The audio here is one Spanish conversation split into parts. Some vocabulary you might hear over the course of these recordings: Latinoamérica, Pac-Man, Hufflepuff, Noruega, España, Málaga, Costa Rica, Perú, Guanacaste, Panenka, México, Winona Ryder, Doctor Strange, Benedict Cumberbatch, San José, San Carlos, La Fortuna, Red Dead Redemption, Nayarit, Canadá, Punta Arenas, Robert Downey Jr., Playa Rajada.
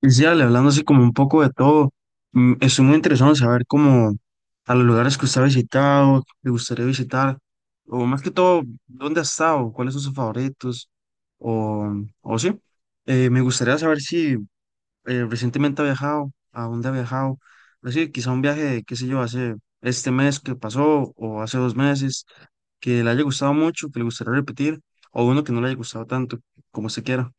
Y sí, Ale, hablando así como un poco de todo, estoy muy interesado en saber cómo a los lugares que usted ha visitado, que le gustaría visitar, o más que todo, dónde ha estado, cuáles son sus favoritos, o, o sí. Me gustaría saber si recientemente ha viajado, a dónde ha viajado, así, quizá un viaje, qué sé yo, hace este mes que pasó, o hace dos meses, que le haya gustado mucho, que le gustaría repetir, o uno que no le haya gustado tanto, como se quiera.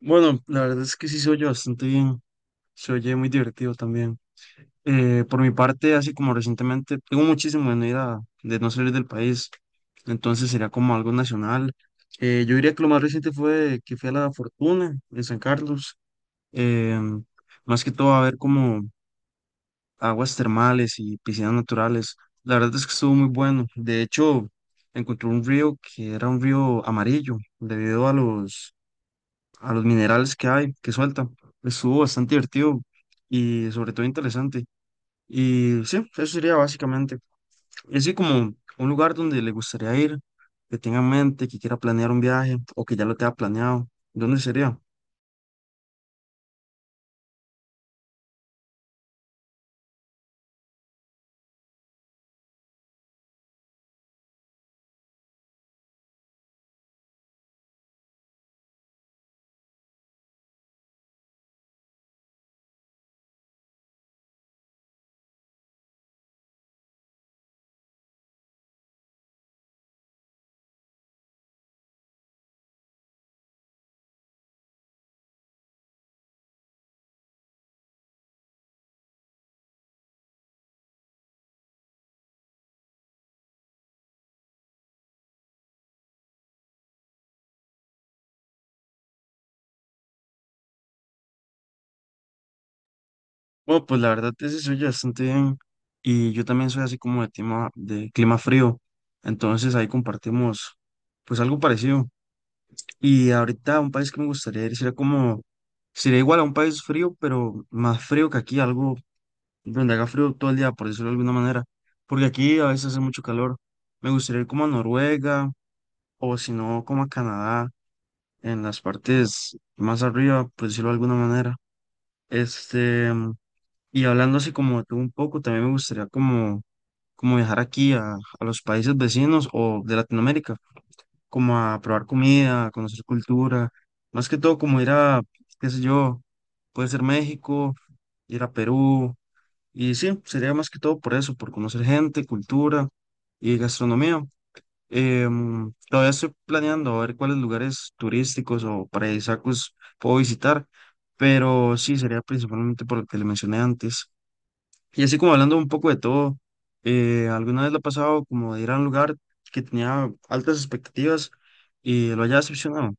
Bueno, la verdad es que sí se oye bastante bien. Se oye muy divertido también. Por mi parte, así como recientemente, tengo muchísimo en de no salir del país, entonces sería como algo nacional. Yo diría que lo más reciente fue que fui a La Fortuna en San Carlos, em, más que todo a ver como aguas termales y piscinas naturales. La verdad es que estuvo muy bueno. De hecho, encontré un río que era un río amarillo debido a a los minerales que hay, que suelta. Estuvo bastante divertido y sobre todo interesante. Y sí, eso sería básicamente. Y así como un lugar donde le gustaría ir, que tenga en mente, que quiera planear un viaje o que ya lo tenga planeado, ¿dónde sería? Bueno, pues la verdad ese soy yo bastante bien y yo también soy así como de clima frío, entonces ahí compartimos pues algo parecido. Y ahorita un país que me gustaría ir sería como, sería igual a un país frío, pero más frío que aquí, algo donde haga frío todo el día, por decirlo de alguna manera, porque aquí a veces hace mucho calor. Me gustaría ir como a Noruega o si no, como a Canadá, en las partes más arriba, por decirlo de alguna manera. Este, y hablando así como de tú un poco, también me gustaría como viajar aquí a los países vecinos o de Latinoamérica, como a probar comida, a conocer cultura, más que todo como ir a, qué sé yo, puede ser México, ir a Perú. Y sí, sería más que todo por eso, por conocer gente, cultura y gastronomía. Todavía estoy planeando a ver cuáles lugares turísticos o paradisíacos puedo visitar, pero sí, sería principalmente por lo que le mencioné antes. Y así como hablando un poco de todo, ¿alguna vez lo ha pasado como de ir a un lugar que tenía altas expectativas y lo haya decepcionado?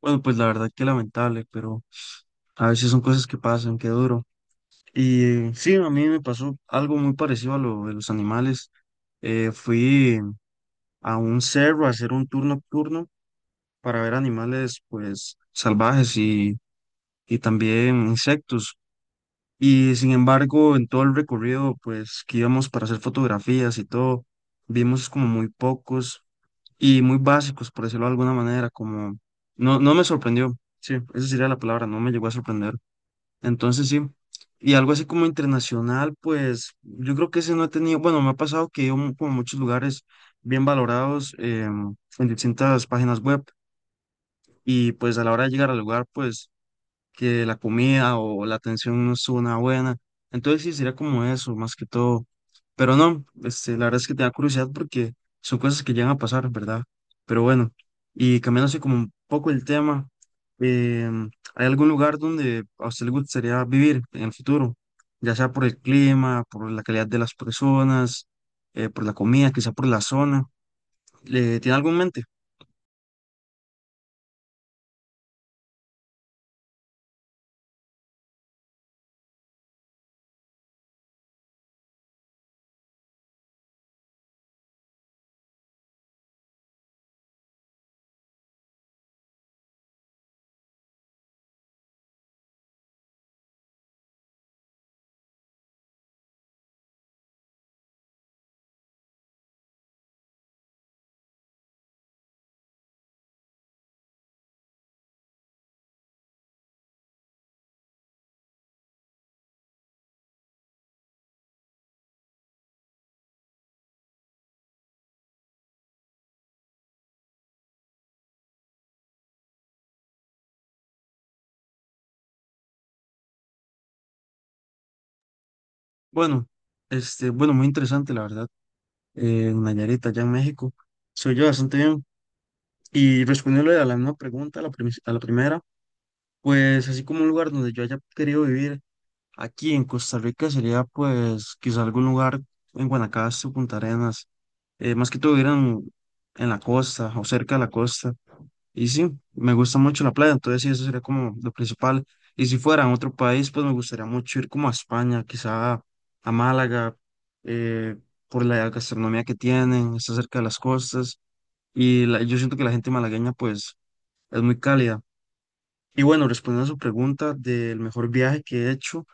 Bueno, pues la verdad que lamentable, pero a veces son cosas que pasan, que duro. Y sí, a mí me pasó algo muy parecido a lo de los animales. Fui a un cerro a hacer un tour nocturno para ver animales pues salvajes y también insectos. Y sin embargo, en todo el recorrido pues que íbamos para hacer fotografías y todo, vimos como muy pocos y muy básicos, por decirlo de alguna manera, como no, no me sorprendió. Sí, esa sería la palabra, no me llegó a sorprender. Entonces sí, y algo así como internacional, pues yo creo que ese no he tenido, bueno, me ha pasado que he ido como a muchos lugares bien valorados en distintas páginas web y pues a la hora de llegar al lugar, pues que la comida o la atención no estuvo nada buena. Entonces sí, sería como eso, más que todo. Pero no, este, la verdad es que te da curiosidad porque son cosas que llegan a pasar, ¿verdad? Pero bueno, y cambiándose como un poco el tema, em, ¿hay algún lugar donde a usted le gustaría vivir en el futuro? Ya sea por el clima, por la calidad de las personas, por la comida, quizá por la zona. ¿Le tiene algo en mente? Bueno, este, bueno, muy interesante, la verdad. En Nayarit, allá en México. Soy yo bastante bien. Y respondiéndole a la misma pregunta, a a la primera, pues así como un lugar donde yo haya querido vivir aquí en Costa Rica sería pues quizá algún lugar en Guanacaste o Punta Arenas, más que todo vivieran en la costa o cerca de la costa. Y sí, me gusta mucho la playa, entonces sí, eso sería como lo principal. Y si fuera en otro país, pues me gustaría mucho ir como a España, quizá a Málaga, eh, por la gastronomía que tienen, está cerca de las costas. Y yo siento que la gente malagueña, pues, es muy cálida. Y bueno, respondiendo a su pregunta del mejor viaje que he hecho,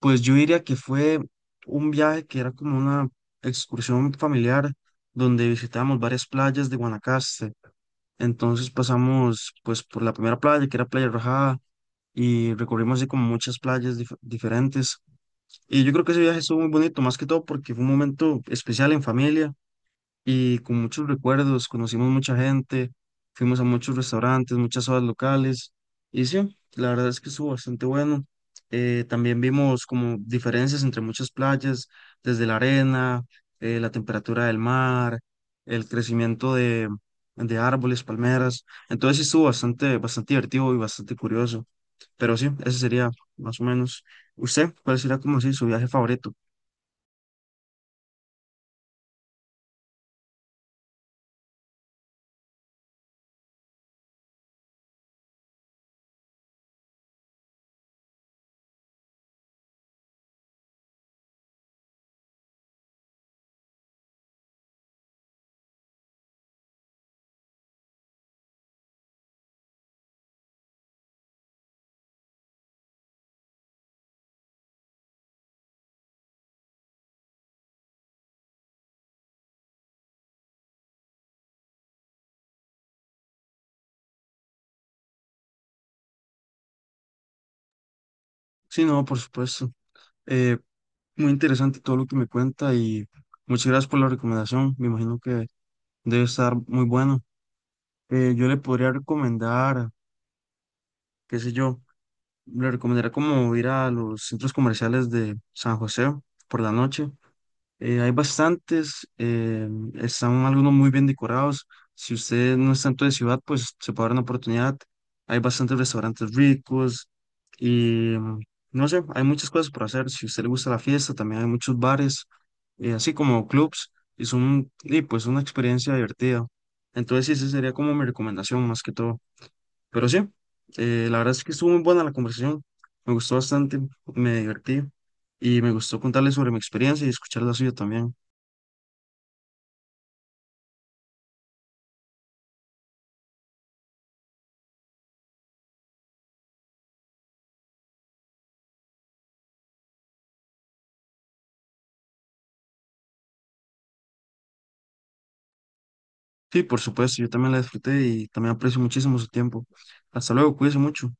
pues yo diría que fue un viaje que era como una excursión familiar donde visitamos varias playas de Guanacaste. Entonces pasamos pues por la primera playa, que era Playa Rajada, y recorrimos así como muchas playas diferentes. Y yo creo que ese viaje estuvo muy bonito, más que todo porque fue un momento especial en familia y con muchos recuerdos, conocimos mucha gente, fuimos a muchos restaurantes, muchas horas locales, y sí, la verdad es que estuvo bastante bueno. También vimos como diferencias entre muchas playas, desde la arena, la temperatura del mar, el crecimiento de árboles, palmeras, entonces sí estuvo bastante, bastante divertido y bastante curioso, pero sí, ese sería más o menos. ¿Usted cuál sería como si su viaje favorito? Sí, no, por supuesto. Eh, Muy interesante todo lo que me cuenta y muchas gracias por la recomendación. Me imagino que debe estar muy bueno. Yo le podría recomendar, qué sé yo, le recomendaría como ir a los centros comerciales de San José por la noche. Hay bastantes, están algunos muy bien decorados. Si usted no es tanto de ciudad, pues se puede dar una oportunidad. Hay bastantes restaurantes ricos y no sé, hay muchas cosas por hacer. Si a usted le gusta la fiesta, también hay muchos bares, así como clubs, y son, y pues una experiencia divertida. Entonces, sí, esa sería como mi recomendación más que todo. Pero sí, la verdad es que estuvo muy buena la conversación, me gustó bastante, me divertí y me gustó contarle sobre mi experiencia y escuchar la suya también. Sí, por supuesto, yo también la disfruté y también aprecio muchísimo su tiempo. Hasta luego, cuídense mucho.